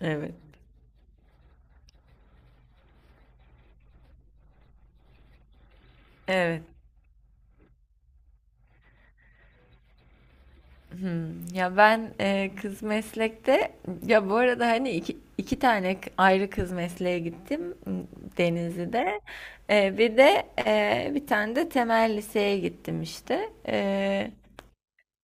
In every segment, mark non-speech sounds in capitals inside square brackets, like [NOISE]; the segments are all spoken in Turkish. Evet. Evet. Hmm. Ya ben kız meslekte, ya bu arada hani iki tane ayrı kız mesleğe gittim, Denizli'de. Bir de bir tane de temel liseye gittim işte.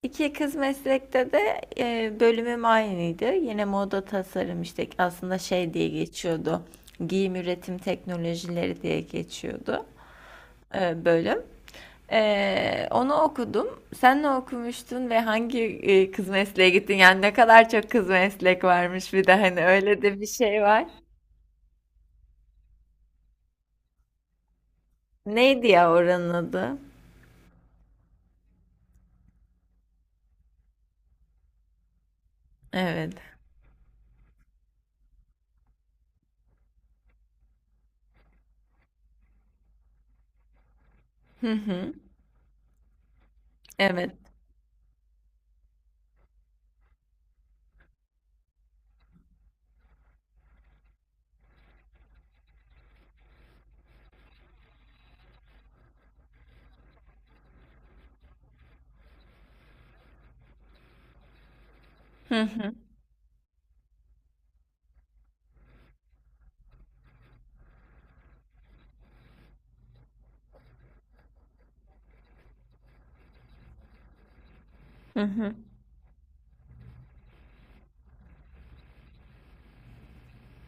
İki kız meslekte de bölümüm aynıydı. Yine moda tasarım işte, aslında şey diye geçiyordu. Giyim üretim teknolojileri diye geçiyordu, bölüm. Onu okudum. Sen ne okumuştun ve hangi kız mesleğe gittin? Yani ne kadar çok kız meslek varmış, bir de hani öyle de bir şey var. Neydi ya oranın adı? Evet. Hı hı. Evet. Hı hı. Hı hı.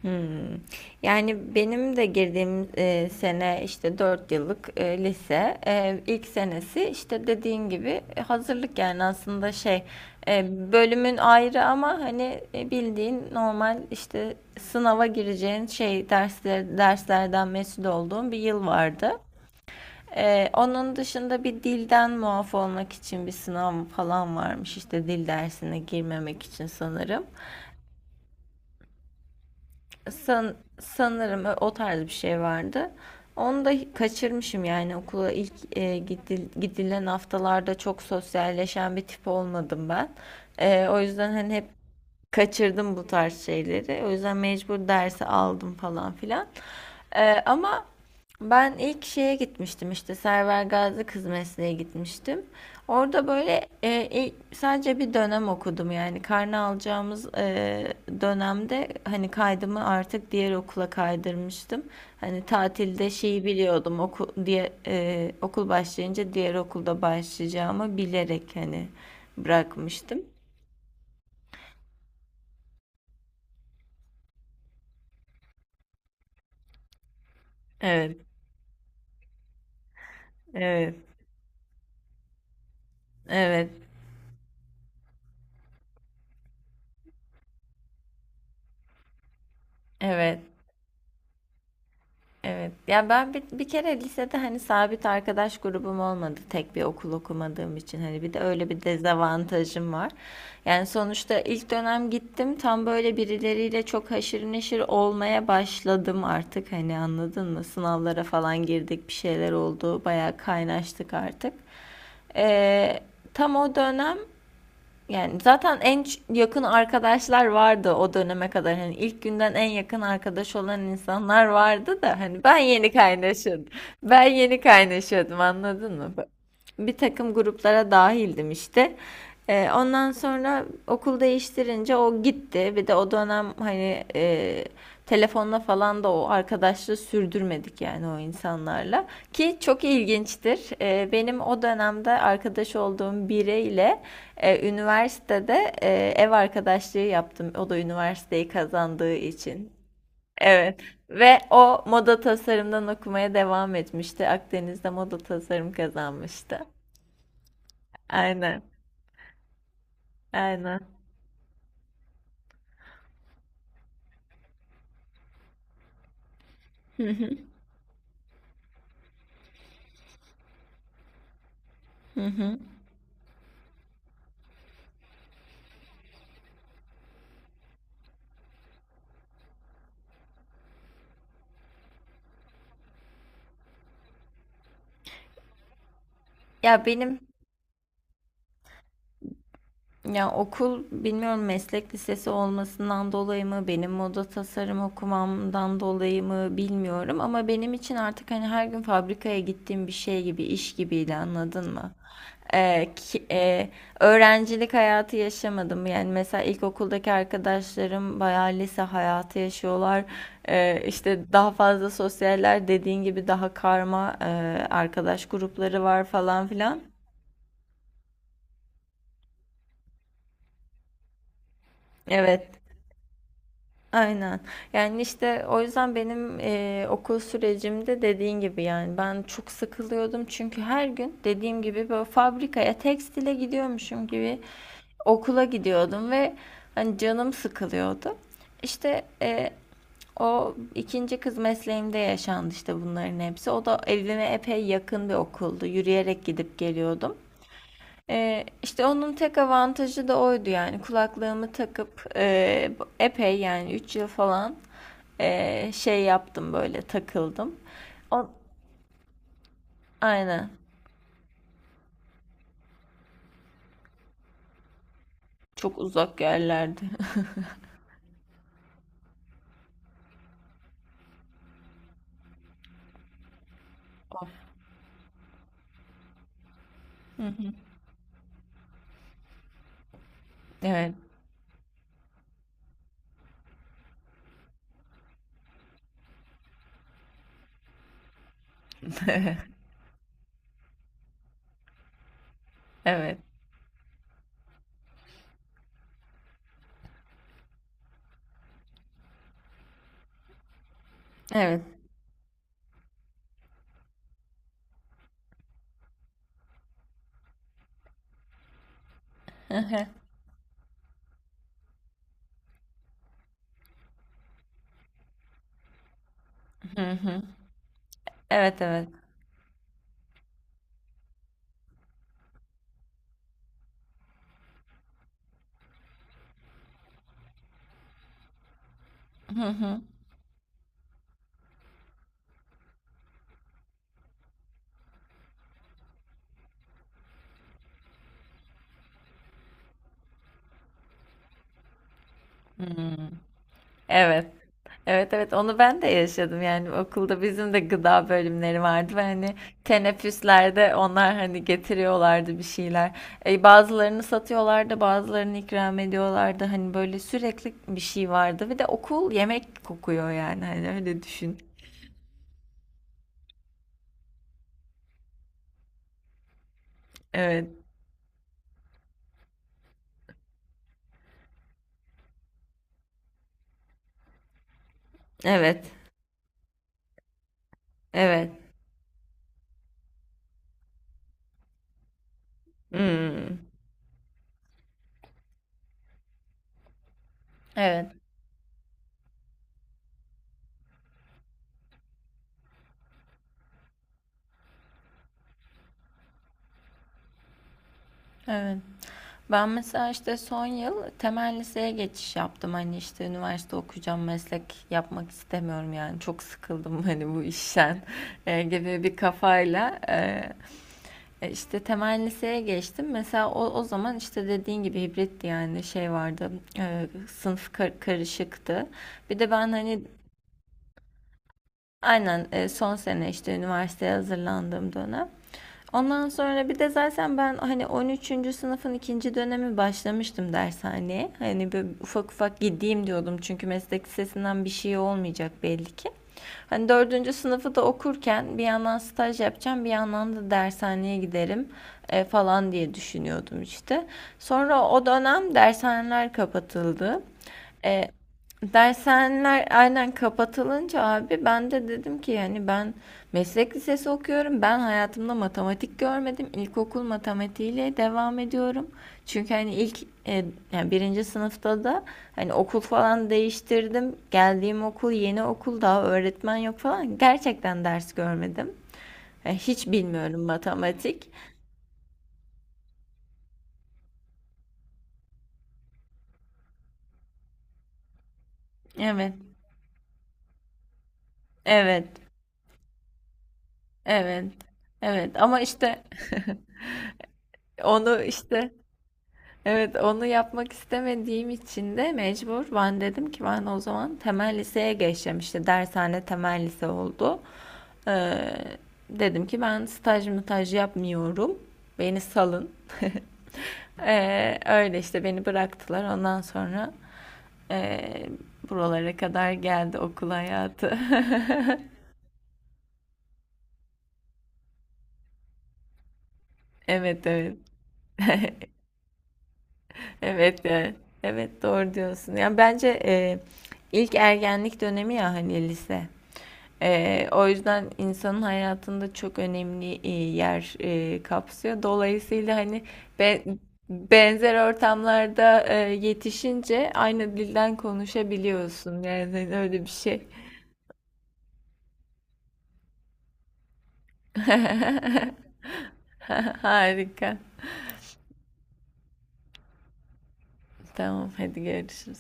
Hımm. Yani benim de girdiğim, sene, işte, 4 yıllık, lise. İlk senesi, işte, dediğin gibi hazırlık, yani aslında şey, eee, bölümün ayrı, ama hani, bildiğin normal, işte, sınava gireceğin şey derslerden mesul olduğum bir yıl vardı. Onun dışında bir dilden muaf olmak için bir sınav falan varmış, işte, dil dersine girmemek için sanırım. san, Sanırım o tarz bir şey vardı. Onu da kaçırmışım, yani okula ilk gidilen haftalarda çok sosyalleşen bir tip olmadım ben. O yüzden hani hep kaçırdım bu tarz şeyleri. O yüzden mecbur dersi aldım falan filan. Ama ben ilk şeye gitmiştim, işte Server Gazi Kız Mesleğe gitmiştim. Orada böyle sadece bir dönem okudum, yani karne alacağımız dönemde hani kaydımı artık diğer okula kaydırmıştım. Hani tatilde şeyi biliyordum, okul başlayınca diğer okulda başlayacağımı bilerek hani bırakmıştım. Evet, evet. Evet, evet, evet. Ya ben bir kere lisede hani sabit arkadaş grubum olmadı. Tek bir okul okumadığım için hani bir de öyle bir dezavantajım var. Yani sonuçta ilk dönem gittim, tam böyle birileriyle çok haşır neşir olmaya başladım artık, hani anladın mı? Sınavlara falan girdik, bir şeyler oldu. Bayağı kaynaştık artık. Ee, Tam o dönem, yani zaten en yakın arkadaşlar vardı o döneme kadar. Hani ilk günden en yakın arkadaş olan insanlar vardı da hani ben yeni kaynaşıyordum. Ben yeni kaynaşıyordum, anladın mı? Bir takım gruplara dahildim işte. Ondan sonra okul değiştirince o gitti. Bir de o dönem hani telefonla falan da o arkadaşlığı sürdürmedik, yani o insanlarla. Ki çok ilginçtir. Benim o dönemde arkadaş olduğum biriyle üniversitede ev arkadaşlığı yaptım. O da üniversiteyi kazandığı için. Evet. Ve o moda tasarımdan okumaya devam etmişti. Akdeniz'de moda tasarım kazanmıştı. Aynen. Aynen. Hı hı. Hı hı. Ya benim Ya okul bilmiyorum, meslek lisesi olmasından dolayı mı, benim moda tasarım okumamdan dolayı mı bilmiyorum, ama benim için artık hani her gün fabrikaya gittiğim bir şey gibi, iş gibiydi, anladın mı? Ee, ki- e, Öğrencilik hayatı yaşamadım. Yani mesela ilkokuldaki arkadaşlarım bayağı lise hayatı yaşıyorlar. İşte daha fazla sosyaller, dediğin gibi daha karma arkadaş grupları var falan filan. Evet. Aynen. Yani, işte, o yüzden benim, okul sürecimde, dediğin gibi, yani, ben çok sıkılıyordum. Çünkü her gün dediğim gibi, böyle, fabrikaya, tekstile gidiyormuşum gibi okula gidiyordum ve, hani, canım sıkılıyordu. İşte, o ikinci kız mesleğimde yaşandı, işte, bunların hepsi. O da evime epey yakın bir okuldu. Yürüyerek gidip geliyordum. İşte onun tek avantajı da oydu, yani kulaklığımı takıp epey, yani 3 yıl falan şey yaptım, böyle takıldım. O, aynen, çok uzak yerlerde. [LAUGHS] Of. Hı hı. Evet. [LAUGHS] Evet. Evet. [LAUGHS] Hı hı. Evet, evet. Hı hı. Hmm. Evet. Evet, evet, onu ben de yaşadım. Yani okulda bizim de gıda bölümleri vardı ve hani teneffüslerde onlar hani getiriyorlardı bir şeyler. Bazılarını satıyorlardı, bazılarını ikram ediyorlardı, hani böyle sürekli bir şey vardı ve de okul yemek kokuyor, yani hani öyle düşün. Evet, evet, evet. Hmm. Evet, evet. Ben mesela işte son yıl temel liseye geçiş yaptım. Hani işte üniversite okuyacağım, meslek yapmak istemiyorum yani. Çok sıkıldım [LAUGHS] hani bu işten, [LAUGHS] gibi bir kafayla. İşte temel liseye geçtim. Mesela o zaman işte dediğin gibi hibritti, yani şey vardı. Sınıf karışıktı. Bir de ben hani, aynen, son sene işte üniversiteye hazırlandığım dönem. Ondan sonra bir de zaten ben hani 13. sınıfın ikinci dönemi başlamıştım dershaneye. Hani böyle ufak ufak gideyim diyordum, çünkü meslek lisesinden bir şey olmayacak belli ki. Hani 4. sınıfı da okurken bir yandan staj yapacağım, bir yandan da dershaneye giderim falan diye düşünüyordum işte. Sonra o dönem dershaneler kapatıldı. E, Dershaneler aynen kapatılınca abi ben de dedim ki, yani ben meslek lisesi okuyorum. Ben hayatımda matematik görmedim. İlkokul matematiğiyle devam ediyorum. Çünkü hani ilk yani birinci sınıfta da hani okul falan değiştirdim. Geldiğim okul yeni okul, daha öğretmen yok falan. Gerçekten ders görmedim. Yani hiç bilmiyorum matematik. Evet. Evet. Evet. Evet ama işte onu işte Evet, onu yapmak istemediğim için de mecbur ben dedim ki ben o zaman temel liseye geçeceğim, işte dershane temel lise oldu. Ee, Dedim ki ben staj mütaj yapmıyorum, beni salın. [LAUGHS] Öyle işte beni bıraktılar, ondan sonra ee, buralara kadar geldi okul hayatı. [LAUGHS] Evet, evet. Evet yani. Evet, doğru diyorsun. Yani bence ilk ergenlik dönemi ya, hani lise. O yüzden insanın hayatında çok önemli yer kapsıyor. Dolayısıyla hani be- benzer ortamlarda yetişince aynı dilden konuşabiliyorsun. Yani öyle bir şey. [LAUGHS] Harika. Tamam, hadi görüşürüz.